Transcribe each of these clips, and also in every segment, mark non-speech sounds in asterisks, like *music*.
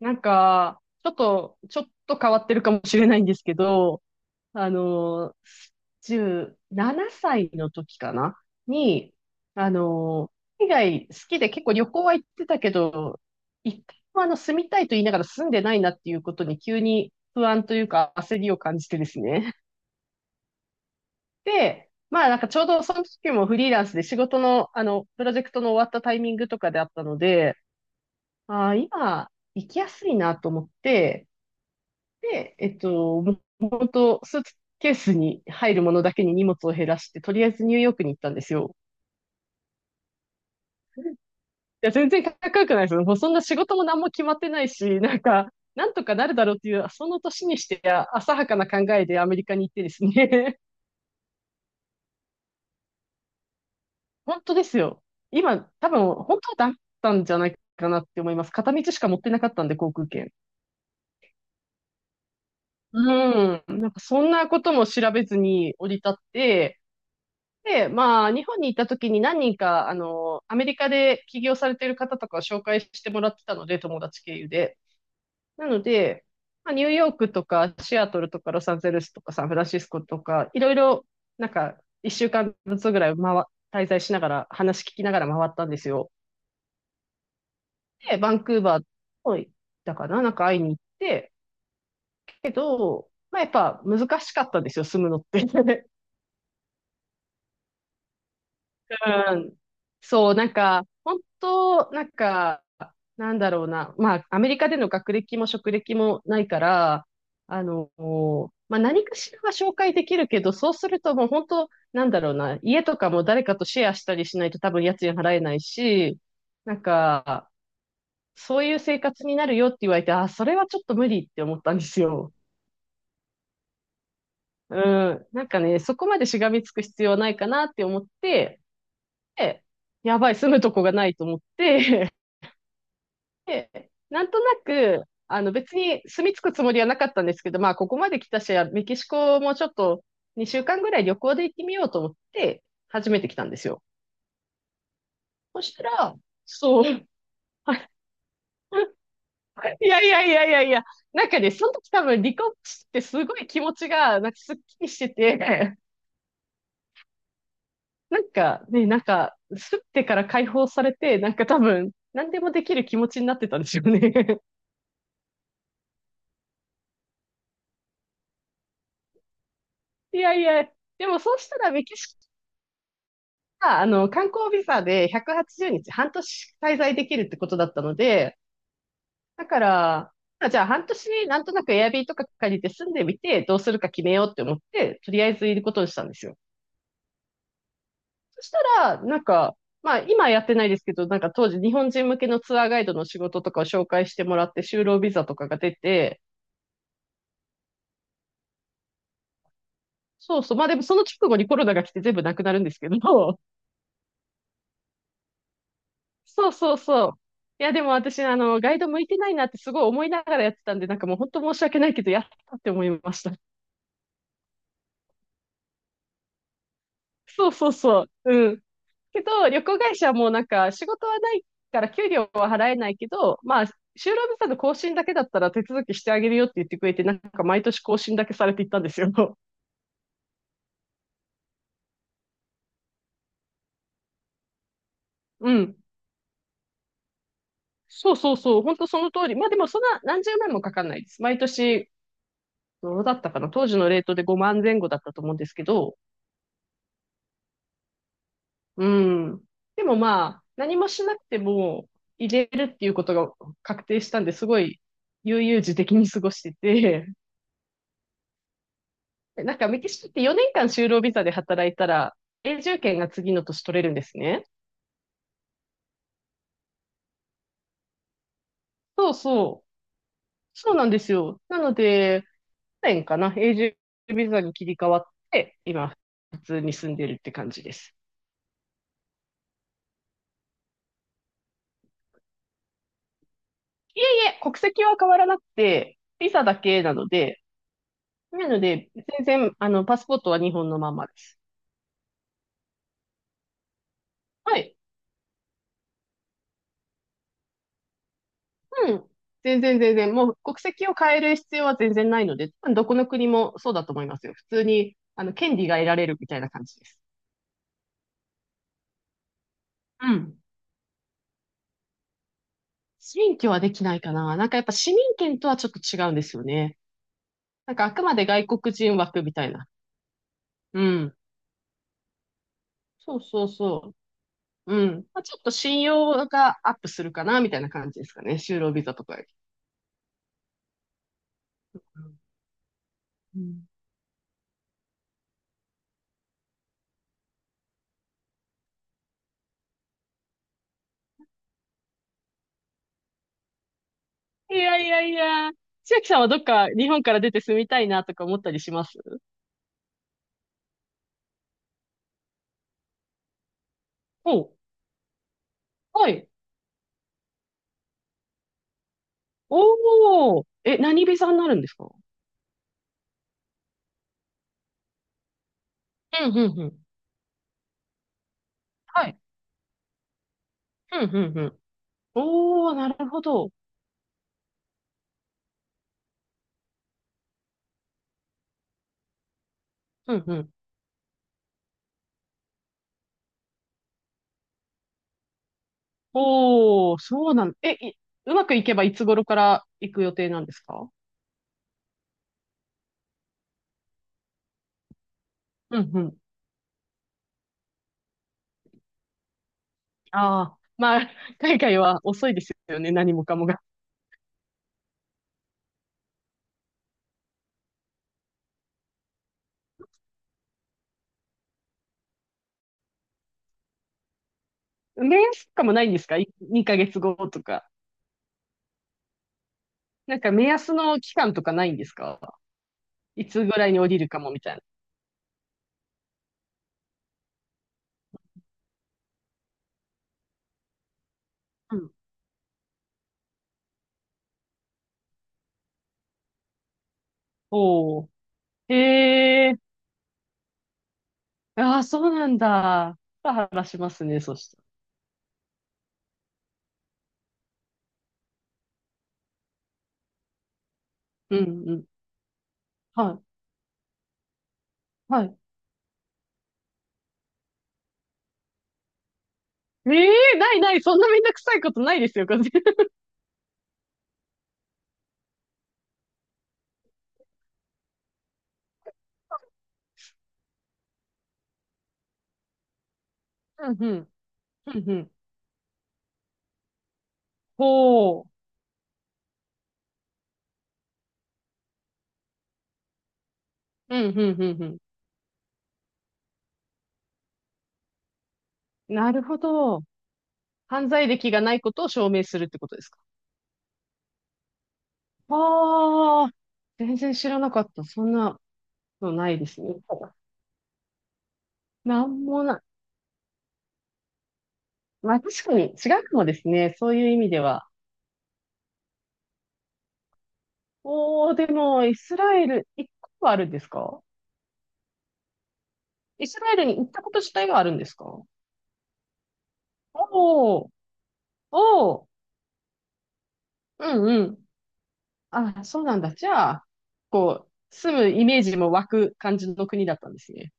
なんか、ちょっと変わってるかもしれないんですけど、あの、17歳の時かなに、あの、海外好きで結構旅行は行ってたけど、一回も住みたいと言いながら住んでないなっていうことに急に不安というか焦りを感じてですね。で、まあなんかちょうどその時もフリーランスで仕事のプロジェクトの終わったタイミングとかであったので、ああ、今、行きやすいなと思って、で、もともとスーツケースに入るものだけに荷物を減らして、とりあえずニューヨークに行ったんですよ。いや、全然かっこよくないですよ。もうそんな仕事も何も決まってないし、なんか、なんとかなるだろうっていう、その年にしてあ浅はかな考えでアメリカに行ってですね。*laughs* 本当ですよ。今、多分、本当はだったんじゃないかなって思います。片道しか持ってなかったんで、航空券。うん。なんか、そんなことも調べずに降り立って、で、まあ、日本に行った時に何人か、アメリカで起業されている方とかを紹介してもらってたので、友達経由で。なので、まあ、ニューヨークとか、シアトルとか、ロサンゼルスとか、サンフランシスコとか、いろいろ、なんか、一週間ずつぐらい回、滞在しながら、話聞きながら回ったんですよ。で、バンクーバーを行ったかな、なんか会いに行って、まあ、やっぱ難しかったですよ、住むのって。*laughs* うん。そう、なんか、本当、なんか、なんだろうな。まあ、アメリカでの学歴も職歴もないから、あの、まあ、何かしらは紹介できるけど、そうするともう本当、なんだろうな。家とかも誰かとシェアしたりしないと多分家賃払えないし、なんか、そういう生活になるよって言われて、あ、それはちょっと無理って思ったんですよ。うん。なんかね、そこまでしがみつく必要はないかなって思って、でやばい、住むとこがないと思って、で、なんとなく、あの別に住み着くつもりはなかったんですけど、まあここまで来たし、メキシコもちょっと2週間ぐらい旅行で行ってみようと思って、初めて来たんですよ。そしたら、そう。*laughs* いやいやいやいやいや、なんかね、その時多分離婚してすごい気持ちが、なんかすっきりしてて、*laughs* なんかね、なんか、吸ってから解放されて、なんか多分、何でもできる気持ちになってたんですよね。*laughs* いやいや、でもそうしたらメキシあの、観光ビザで180日、半年滞在できるってことだったので、だから、あじゃあ半年なんとなくエアビーとか借りて住んでみて、どうするか決めようって思って、とりあえずいることにしたんですよ。そしたら、なんか、まあ今やってないですけど、なんか当時日本人向けのツアーガイドの仕事とかを紹介してもらって、就労ビザとかが出て、そうそう、まあでもその直後にコロナが来て全部なくなるんですけど、そうそうそう。いや、でも私、ガイド向いてないなってすごい思いながらやってたんで、なんかもう本当申し訳ないけど、やったって思いました。そうそうそう。うん。けど、旅行会社もなんか仕事はないから給料は払えないけど、まあ、就労ビザの更新だけだったら手続きしてあげるよって言ってくれて、なんか毎年更新だけされていったんですよ。*laughs* うん。そうそうそう。本当その通り。まあでもそんな何十万もかかんないです。毎年、どうだったかな。当時のレートで5万前後だったと思うんですけど、うん。でもまあ、何もしなくても入れるっていうことが確定したんで、すごい悠々自適に過ごしてて、*laughs* でなんかメキシコって4年間就労ビザで働いたら、永住権が次の年取れるんですね。そうそう。そうなんですよ。なので、去年かな、永住ビザに切り替わって、今、普通に住んでるって感じです。いえいえ、国籍は変わらなくて、ビザだけなので、なので、全然、パスポートは日本のままです。はい。うん。全然、もう国籍を変える必要は全然ないので、多分どこの国もそうだと思いますよ。普通に、権利が得られるみたいな感じです。うん。選挙はできないかな。なんかやっぱ市民権とはちょっと違うんですよね。なんかあくまで外国人枠みたいな。うん。そうそうそう。うん。まあ、ちょっと信用がアップするかな、みたいな感じですかね。就労ビザとかより。うんうん。いやいやいや。千秋さんはどっか日本から出て住みたいなとか思ったりしますお、はい。おー、え、何部さんになるんですか？うん、うん、うん。はい。うん、うん、うん。おー、なるほど。うん、うん。おー、そうなん、え、いうまくいけばいつ頃から行く予定なんですか？うん、うん。ああ、まあ、海外は遅いですよね、何もかもが。目安とかもないんですか？ 2 ヶ月後とか。なんか目安の期間とかないんですか？いつぐらいに降りるかもみたいな。うん。おー、へえ、ああ、そうなんだ。ハラハラしますね、そし、うんうん。はい。はい。ええないない。そんなめんどくさいことないですよ、こっち。うんうん。うんうん。ほう。うんうんうんうん。なるほど。犯罪歴がないことを証明するってことですか？ああ、全然知らなかった。そんなのないですね。なんもない。まあ確かに違うかもですね。そういう意味では。おー、でも、イスラエル、一個はあるんですか？イスラエルに行ったこと自体があるんですか？おー、おー、うんうん。あ、そうなんだ。じゃあ、こう、住むイメージも湧く感じの国だったんですね。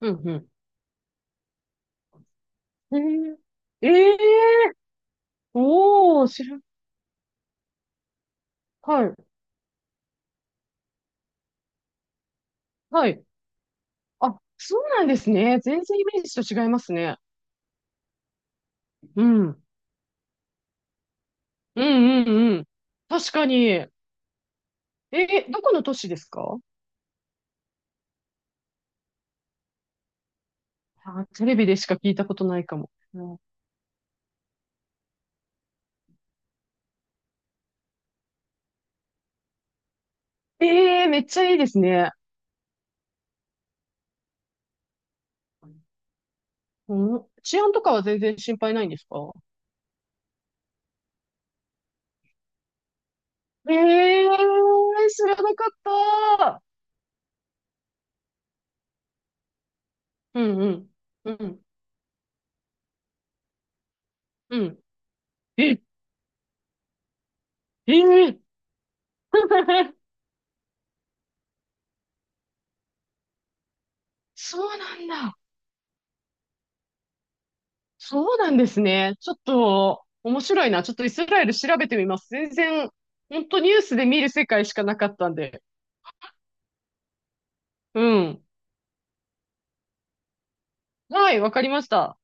うんうん。えー、えー、おー、知らん。はい、はい。あ、そうなんですね。全然イメージと違いますね。うん。うんうんうん。確かに。えー、どこの都市ですか？あ、テレビでしか聞いたことないかも。うん。えー、めっちゃいいですね。うん、治安とかは全然心配ないんですか？え、えー、知らなかった。うんうん。うん。うん。え、ええ *laughs* そうなんだ。そうなんですね。ちょっと面白いな。ちょっとイスラエル調べてみます。全然、本当ニュースで見る世界しかなかったんで。うん。はい、わかりました。